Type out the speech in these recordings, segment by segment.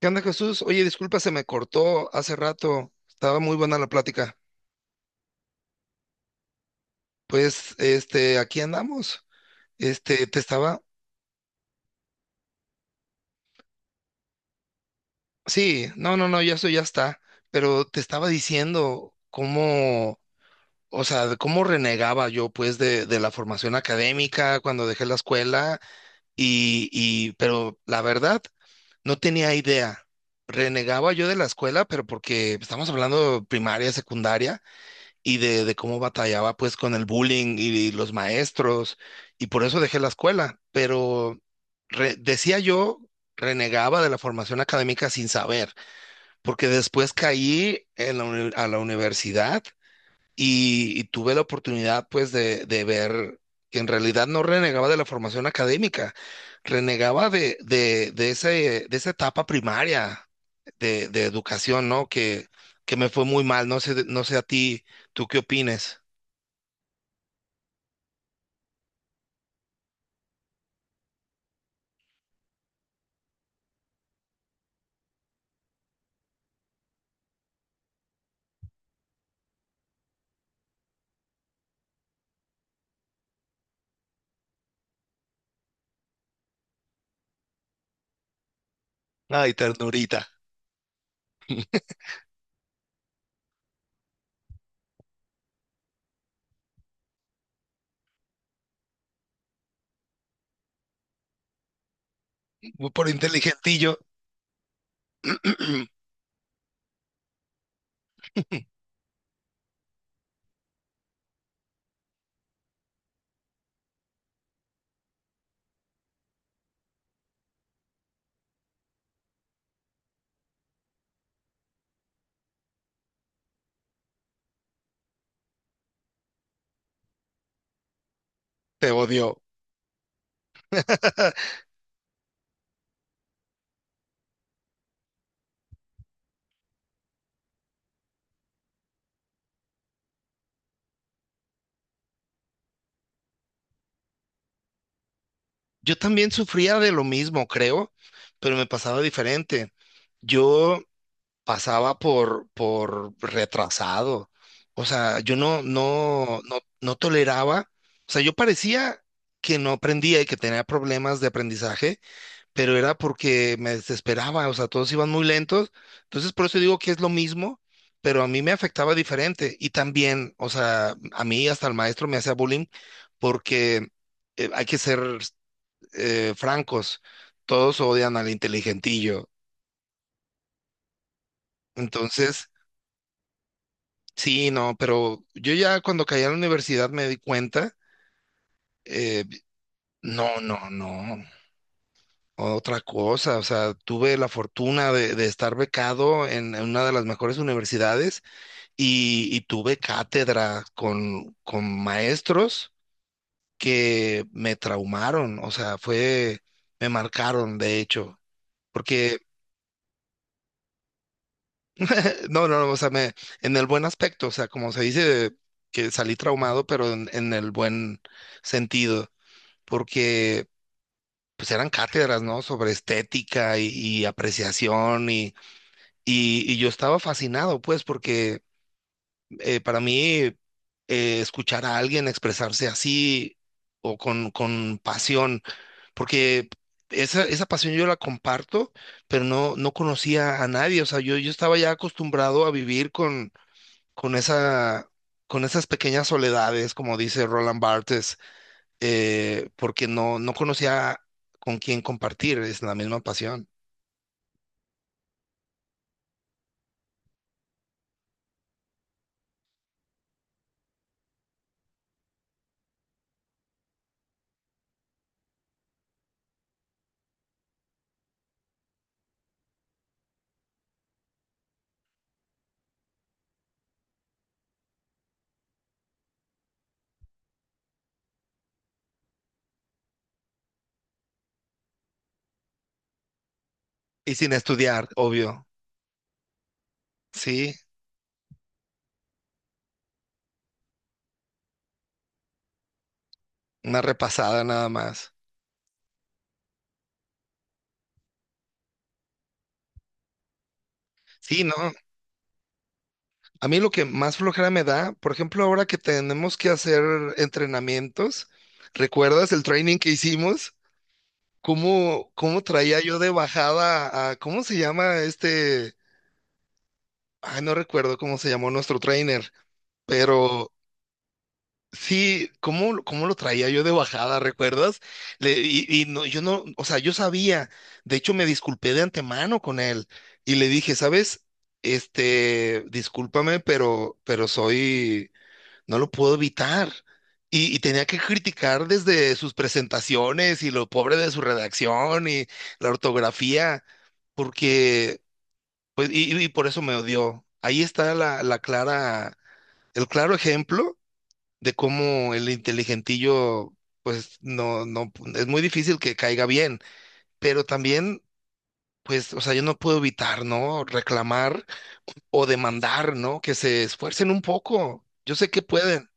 ¿Qué onda, Jesús? Oye, disculpa, se me cortó hace rato. Estaba muy buena la plática. Pues, este, aquí andamos. Este, te estaba. Sí, no, no, no, ya eso ya está. Pero te estaba diciendo cómo, o sea, de cómo renegaba yo, pues, de la formación académica cuando dejé la escuela. Y, pero la verdad, no tenía idea. Renegaba yo de la escuela, pero porque estamos hablando de primaria, secundaria. Y de cómo batallaba pues con el bullying y los maestros, y por eso dejé la escuela, pero decía yo, renegaba de la formación académica sin saber, porque después caí a la universidad y tuve la oportunidad pues de ver que en realidad no renegaba de la formación académica, renegaba de esa etapa primaria de educación, ¿no? Que me fue muy mal, no sé a ti, ¿tú qué opines? Ay, ternurita, por inteligentillo, te odio. Yo también sufría de lo mismo, creo, pero me pasaba diferente. Yo pasaba por retrasado. O sea, yo no toleraba. O sea, yo parecía que no aprendía y que tenía problemas de aprendizaje, pero era porque me desesperaba. O sea, todos iban muy lentos. Entonces, por eso digo que es lo mismo, pero a mí me afectaba diferente. Y también, o sea, a mí hasta el maestro me hacía bullying porque hay que ser francos. Todos odian al inteligentillo. Entonces, sí, no, pero yo ya cuando caí a la universidad me di cuenta, eh, no, no, no, otra cosa, o sea, tuve la fortuna de estar becado en una de las mejores universidades y tuve cátedra con maestros que me traumaron, o sea, fue, me marcaron, de hecho, porque, no, o sea, me, en el buen aspecto, o sea, como se dice, que salí traumado, pero en el buen sentido. Porque pues eran cátedras, ¿no? Sobre estética y apreciación y yo estaba fascinado, pues, porque para mí escuchar a alguien expresarse así o con pasión, porque esa pasión yo la comparto, pero no, no conocía a nadie, o sea, yo estaba ya acostumbrado a vivir con, con esa... con esas pequeñas soledades, como dice Roland Barthes, porque no, no conocía con quién compartir, es la misma pasión. Y sin estudiar, obvio, sí, una repasada nada más. Sí, ¿no? A mí lo que más flojera me da, por ejemplo, ahora que tenemos que hacer entrenamientos, ¿recuerdas el training que hicimos? ¿Cómo traía yo de bajada a, ¿cómo se llama este? Ay, no recuerdo cómo se llamó nuestro trainer, pero sí, ¿cómo lo traía yo de bajada, ¿recuerdas? Y, no, yo no, o sea, yo sabía, de hecho me disculpé de antemano con él y le dije, ¿sabes? Este, discúlpame, pero soy, no lo puedo evitar. Y tenía que criticar desde sus presentaciones y lo pobre de su redacción y la ortografía, porque, pues, por eso me odió. Ahí está la, el claro ejemplo de cómo el inteligentillo, pues no, no, es muy difícil que caiga bien, pero también, pues, o sea, yo no puedo evitar, ¿no? Reclamar o demandar, ¿no? Que se esfuercen un poco. Yo sé que pueden,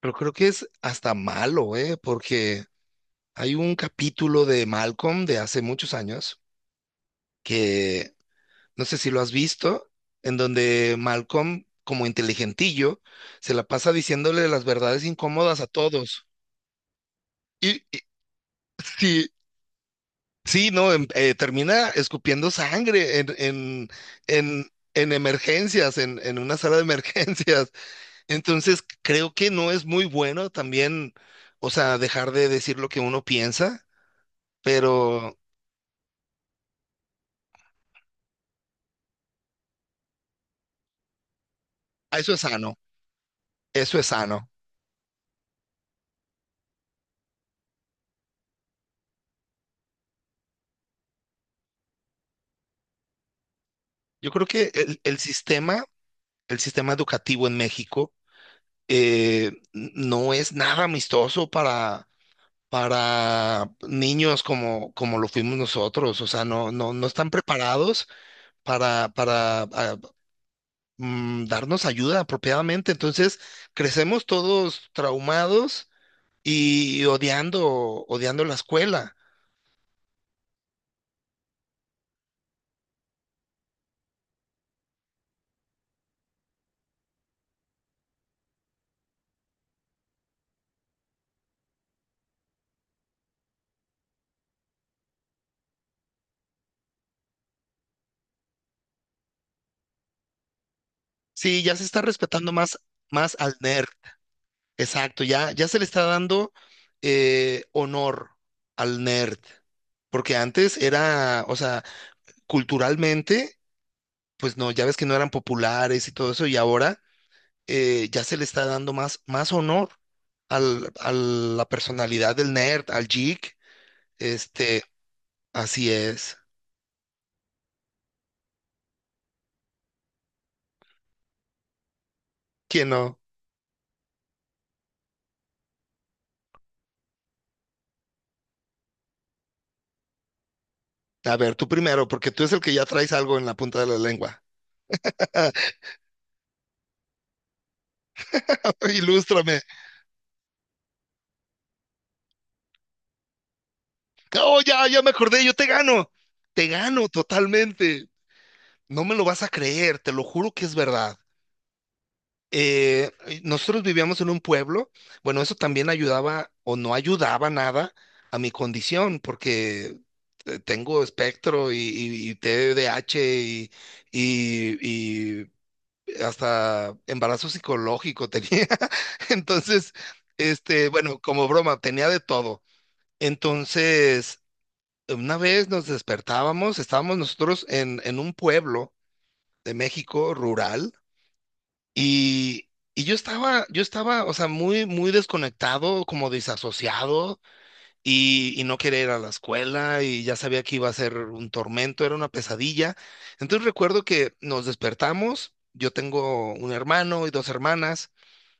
pero creo que es hasta malo, ¿eh? Porque hay un capítulo de Malcolm de hace muchos años que no sé si lo has visto, en donde Malcolm, como inteligentillo, se la pasa diciéndole las verdades incómodas a todos. Y, y- sí, sí, no, termina escupiendo sangre en emergencias, en una sala de emergencias. Entonces, creo que no es muy bueno también, o sea, dejar de decir lo que uno piensa, pero ah, eso es sano, eso es sano. Yo creo que el sistema educativo en México no es nada amistoso para niños como lo fuimos nosotros, o sea, no, no, no están preparados para darnos ayuda apropiadamente. Entonces, crecemos todos traumados y odiando la escuela. Sí, ya se está respetando más al nerd. Exacto, ya, ya se le está dando honor al nerd. Porque antes era, o sea, culturalmente, pues no, ya ves que no eran populares y todo eso, y ahora ya se le está dando más honor a la personalidad del nerd, al geek, este, así es. ¿Quién no? A ver, tú primero, porque tú es el que ya traes algo en la punta de la lengua. Ah, ilústrame. Oh, ya, ya me acordé, yo te gano. Te gano totalmente. No me lo vas a creer, te lo juro que es verdad. Eh, Nosotros vivíamos en un pueblo, bueno, eso también ayudaba o no ayudaba nada a mi condición, porque tengo espectro y TDAH y hasta embarazo psicológico tenía. Entonces, este, bueno, como broma, tenía de todo. Entonces, una vez nos despertábamos, estábamos nosotros en un pueblo de México rural y, y yo estaba, o sea, muy, muy desconectado, como desasociado y no quería ir a la escuela y ya sabía que iba a ser un tormento, era una pesadilla. Entonces recuerdo que nos despertamos, yo tengo un hermano y dos hermanas.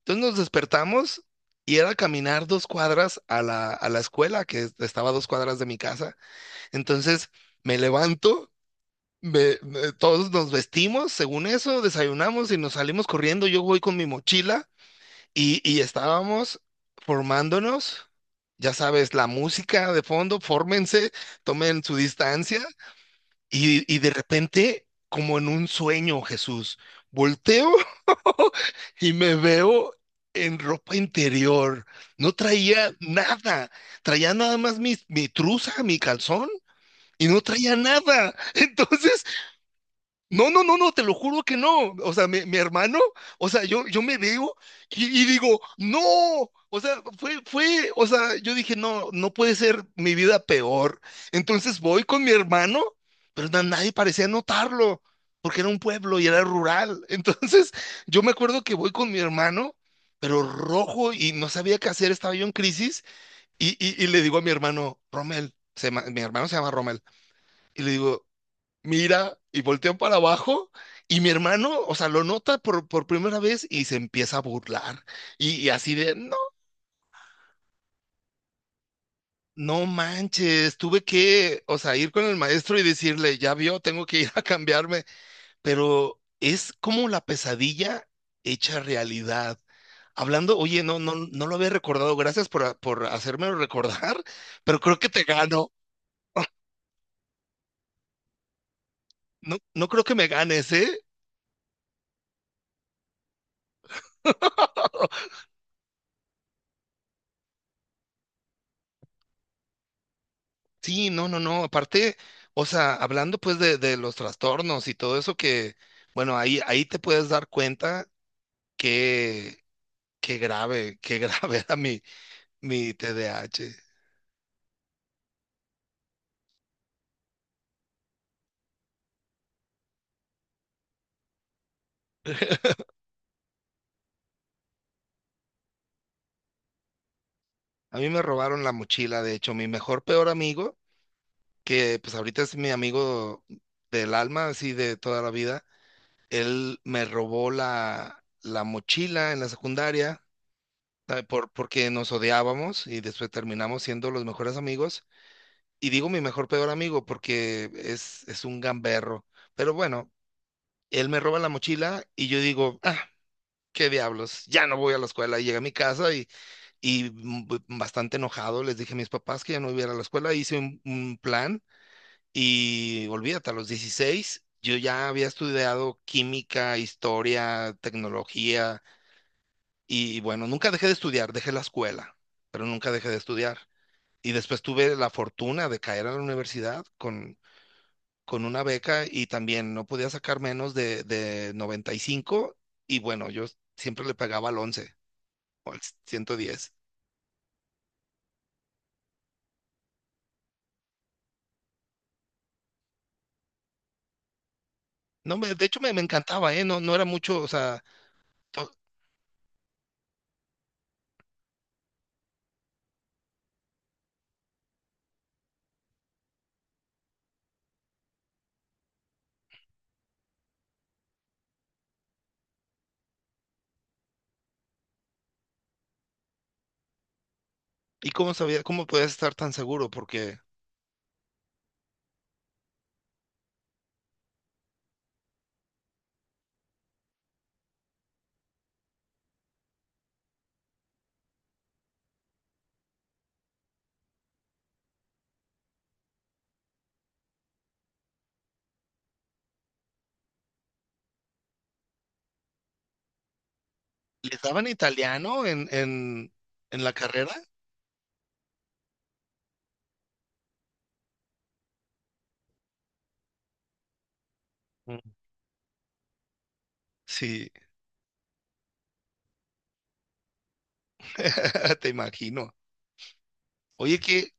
Entonces nos despertamos y era caminar dos cuadras a la escuela, que estaba a dos cuadras de mi casa. Entonces me levanto, todos nos vestimos, según eso, desayunamos y nos salimos corriendo. Yo voy con mi mochila y estábamos formándonos. Ya sabes, la música de fondo, fórmense, tomen su distancia. Y de repente, como en un sueño, Jesús, volteo y me veo en ropa interior. No traía nada. Traía nada más mi trusa, mi calzón, y no traía nada. Entonces no, no, no, no, te lo juro que no. O sea, mi hermano, o sea, yo me veo y digo, no. O sea, fue, o sea, yo dije, no, no puede ser mi vida peor. Entonces voy con mi hermano, pero nadie parecía notarlo, porque era un pueblo y era rural. Entonces, yo me acuerdo que voy con mi hermano, pero rojo y no sabía qué hacer, estaba yo en crisis, y le digo a mi hermano, Rommel, mi hermano se llama Rommel, y le digo, mira y voltean para abajo y mi hermano, o sea, lo nota por primera vez y se empieza a burlar. Y así de, no, no manches, tuve que, o sea, ir con el maestro y decirle, ya vio, tengo que ir a cambiarme, pero es como la pesadilla hecha realidad. Hablando, oye, no, no, no lo había recordado, gracias por hacérmelo recordar, pero creo que te gano. No, no creo que me ganes, ¿eh? Sí, no, no, no. Aparte, o sea, hablando pues de los trastornos y todo eso que, bueno, ahí te puedes dar cuenta que qué grave era mi TDAH. A mí me robaron la mochila, de hecho, mi mejor peor amigo, que pues ahorita es mi amigo del alma, así de toda la vida, él me robó la mochila en la secundaria, ¿sabe? Porque nos odiábamos y después terminamos siendo los mejores amigos. Y digo mi mejor peor amigo porque es un gamberro. Pero bueno, él me roba la mochila y yo digo, ah, qué diablos, ya no voy a la escuela. Y llegué a mi casa y bastante enojado les dije a mis papás que ya no iba a ir a la escuela. Hice un plan y olvídate, a los 16 yo ya había estudiado química, historia, tecnología y bueno, nunca dejé de estudiar, dejé la escuela, pero nunca dejé de estudiar. Y después tuve la fortuna de caer a la universidad con una beca y también no podía sacar menos de 95 y bueno, yo siempre le pegaba al 11 o al 110. No, de hecho me encantaba, ¿eh? No, no era mucho, o sea, to- ¿y cómo sabía, cómo podías estar tan seguro? Porque les daban italiano en la carrera. Mm. Sí, te imagino. Oye, qué,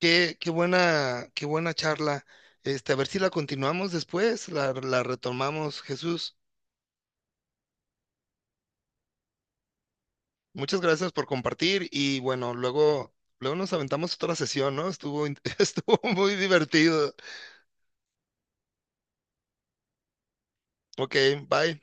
qué, qué buena, qué buena charla. Este, a ver si la continuamos después, la retomamos, Jesús. Muchas gracias por compartir y bueno, luego, luego nos aventamos otra sesión, ¿no? Estuvo muy divertido. Ok, bye.